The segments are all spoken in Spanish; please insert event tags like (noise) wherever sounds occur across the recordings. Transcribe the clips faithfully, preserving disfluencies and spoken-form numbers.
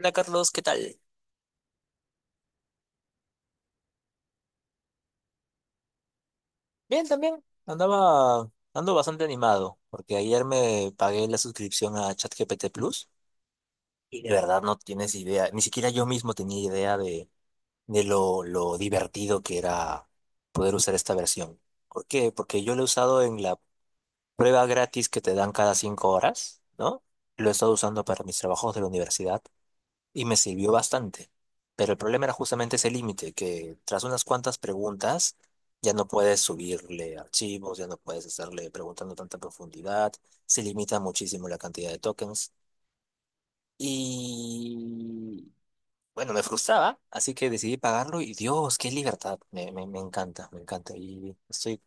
Hola Carlos, ¿qué tal? Bien, también. Andaba, ando bastante animado, porque ayer me pagué la suscripción a ChatGPT Plus y de verdad no tienes idea, ni siquiera yo mismo tenía idea de, de lo, lo divertido que era poder usar esta versión. ¿Por qué? Porque yo lo he usado en la prueba gratis que te dan cada cinco horas, ¿no? Lo he estado usando para mis trabajos de la universidad y me sirvió bastante. Pero el problema era justamente ese límite, que tras unas cuantas preguntas ya no puedes subirle archivos, ya no puedes estarle preguntando tanta profundidad, se limita muchísimo la cantidad de tokens. Y bueno, me frustraba, así que decidí pagarlo y Dios, qué libertad, me, me, me encanta, me encanta. Y estoy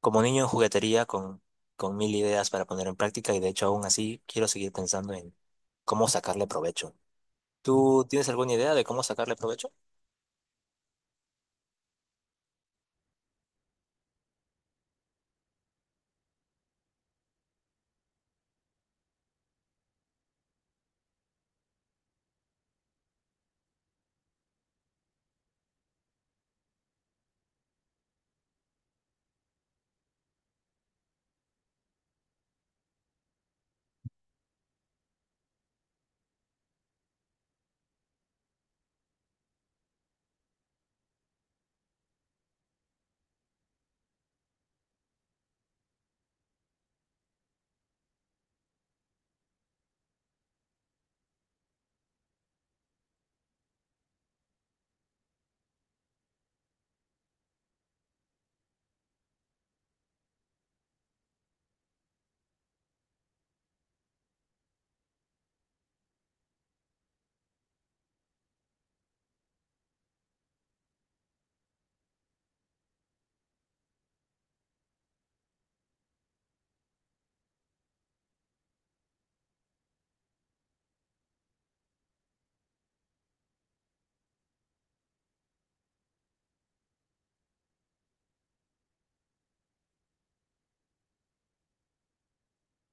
como niño en juguetería con, con mil ideas para poner en práctica y de hecho aún así quiero seguir pensando en cómo sacarle provecho. ¿Tú tienes alguna idea de cómo sacarle provecho?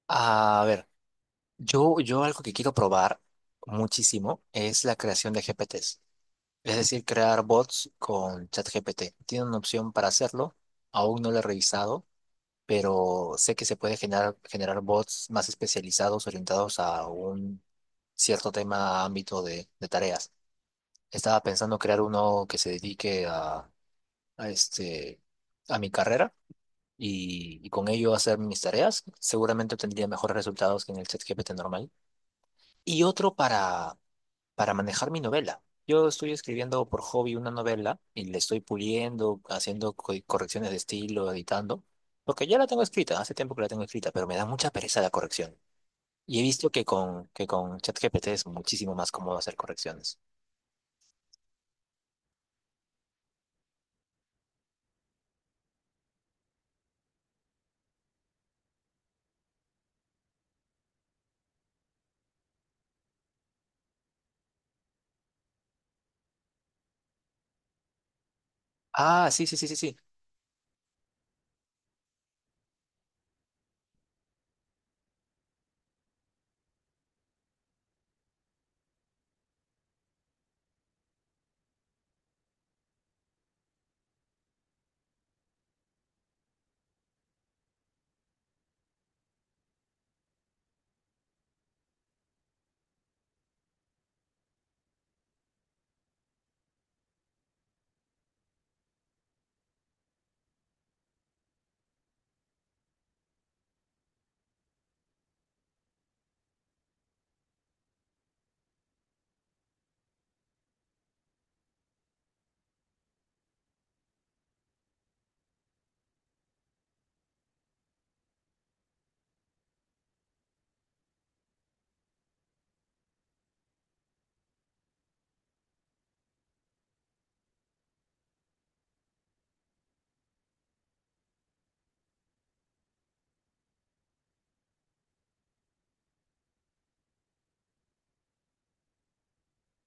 A ver, yo, yo algo que quiero probar muchísimo es la creación de G P T s, es decir, crear bots con ChatGPT. Tiene una opción para hacerlo, aún no lo he revisado, pero sé que se puede generar, generar bots más especializados, orientados a un cierto tema, ámbito de, de tareas. Estaba pensando crear uno que se dedique a, a este, a mi carrera y, y con ello hacer mis tareas. Seguramente obtendría mejores resultados que en el ChatGPT normal. Y otro para, para manejar mi novela. Yo estoy escribiendo por hobby una novela y le estoy puliendo, haciendo co- correcciones de estilo, editando, porque ya la tengo escrita, hace tiempo que la tengo escrita, pero me da mucha pereza la corrección. Y he visto que con, que con ChatGPT es muchísimo más cómodo hacer correcciones. Ah, sí, sí, sí, sí, sí.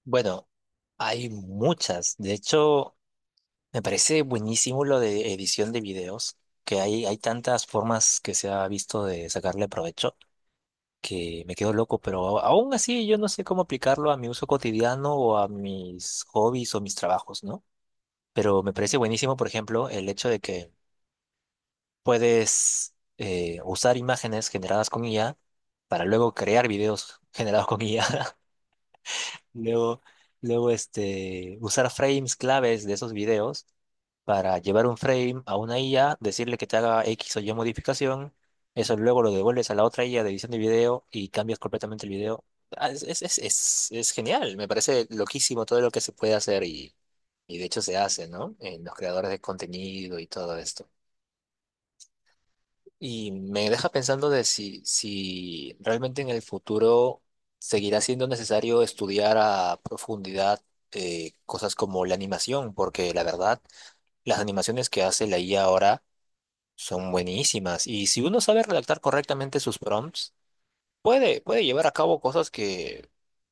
Bueno, hay muchas. De hecho, me parece buenísimo lo de edición de videos, que hay, hay tantas formas que se ha visto de sacarle provecho, que me quedo loco, pero a- aún así yo no sé cómo aplicarlo a mi uso cotidiano o a mis hobbies o mis trabajos, ¿no? Pero me parece buenísimo, por ejemplo, el hecho de que puedes eh, usar imágenes generadas con I A para luego crear videos (laughs) generados con I A. Luego, luego este, usar frames claves de esos videos para llevar un frame a una I A, decirle que te haga X o Y modificación, eso luego lo devuelves a la otra I A de edición de video y cambias completamente el video. Ah, es, es, es, es- es genial, me parece loquísimo todo lo que se puede hacer y, y de hecho se hace, ¿no? En los creadores de contenido y todo esto. Y me deja pensando de si, si realmente en el futuro seguirá siendo necesario estudiar a profundidad eh, cosas como la animación, porque la verdad, las animaciones que hace la I A ahora son buenísimas. Y si uno sabe redactar correctamente sus prompts, puede, puede llevar a cabo cosas que,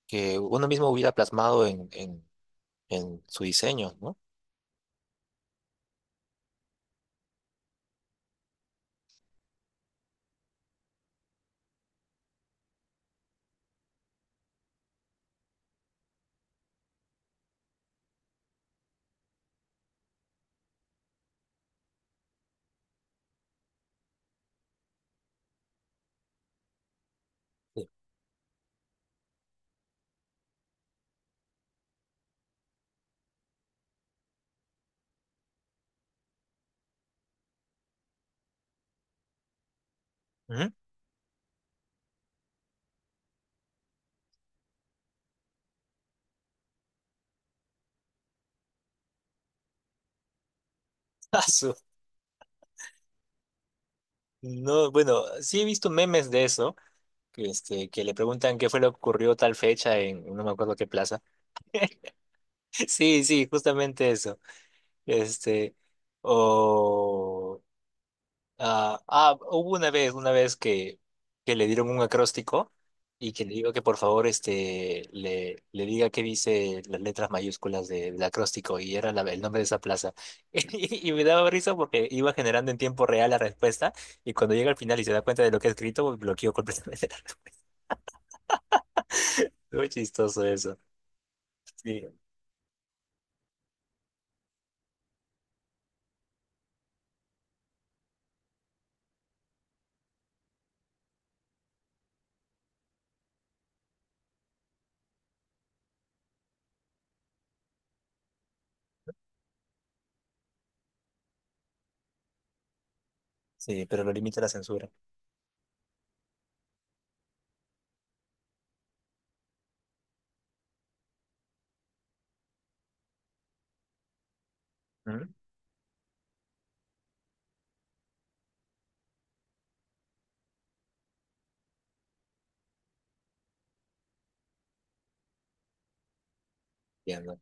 que uno mismo hubiera plasmado en, en, en su diseño, ¿no? Sí. Ujú. (laughs) Ah, su- No, bueno, sí he visto memes de eso, que, este, que le preguntan qué fue lo que ocurrió tal fecha en no me acuerdo qué plaza. (laughs) Sí, sí, justamente eso. Este, o ah, ah, hubo una vez, una vez que, que le dieron un acróstico y que le digo que por favor este le, le diga qué dice las letras mayúsculas de- del acróstico y era la- el nombre de esa plaza. (laughs) Y me daba risa porque iba generando en tiempo real la respuesta y cuando llega al final y se da cuenta de lo que ha escrito, bloqueó completamente (laughs) la respuesta. Muy chistoso eso. Sí. Sí, pero lo limita la censura. ¿Mm? Entiendo.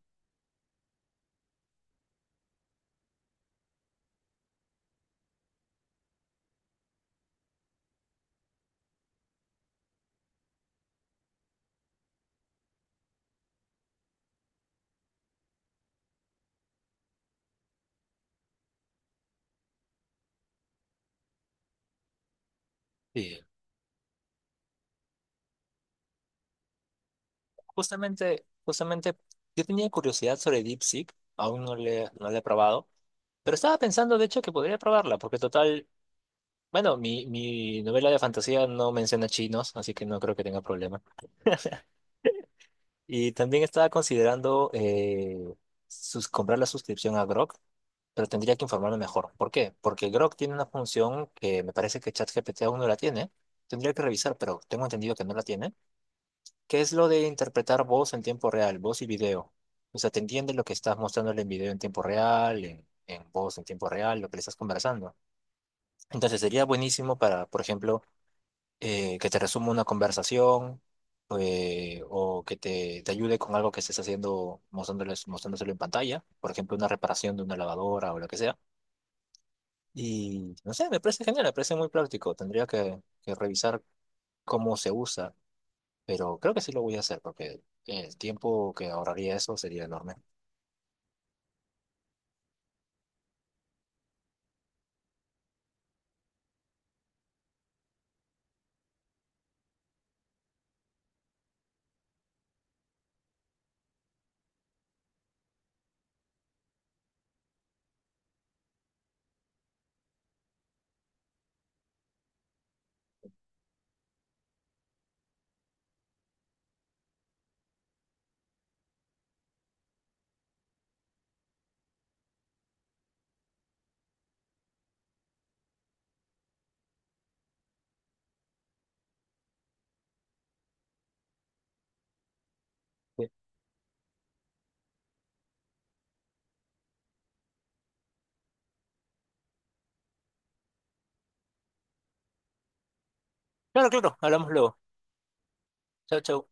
Sí. Justamente, justamente, yo tenía curiosidad sobre DeepSeek, aún no le, no la he probado, pero estaba pensando, de hecho, que podría probarla, porque total, bueno, mi, mi novela de fantasía no menciona chinos, así que no creo que tenga problema. (laughs) Y también estaba considerando eh, sus- comprar la suscripción a Grok, pero tendría que informarme mejor. ¿Por qué? Porque Grok tiene una función que me parece que ChatGPT aún no la tiene. Tendría que revisar, pero tengo entendido que no la tiene. ¿Qué es lo de interpretar voz en tiempo real, voz y video? O sea, ¿te entiendes lo que estás mostrándole en video en tiempo real, en, en voz en tiempo real, lo que le estás conversando? Entonces sería buenísimo para, por ejemplo, eh, que te resuma una conversación, eh, o que te, te ayude con algo que estés haciendo, mostrándoles, mostrándoselo en pantalla, por ejemplo, una reparación de una lavadora o lo que sea. Y no sé, me parece genial, me parece muy práctico. Tendría que, que revisar cómo se usa, pero creo que sí lo voy a hacer porque el tiempo que ahorraría eso sería enorme. Sí. Claro, claro, hablamos luego. Chao, chao.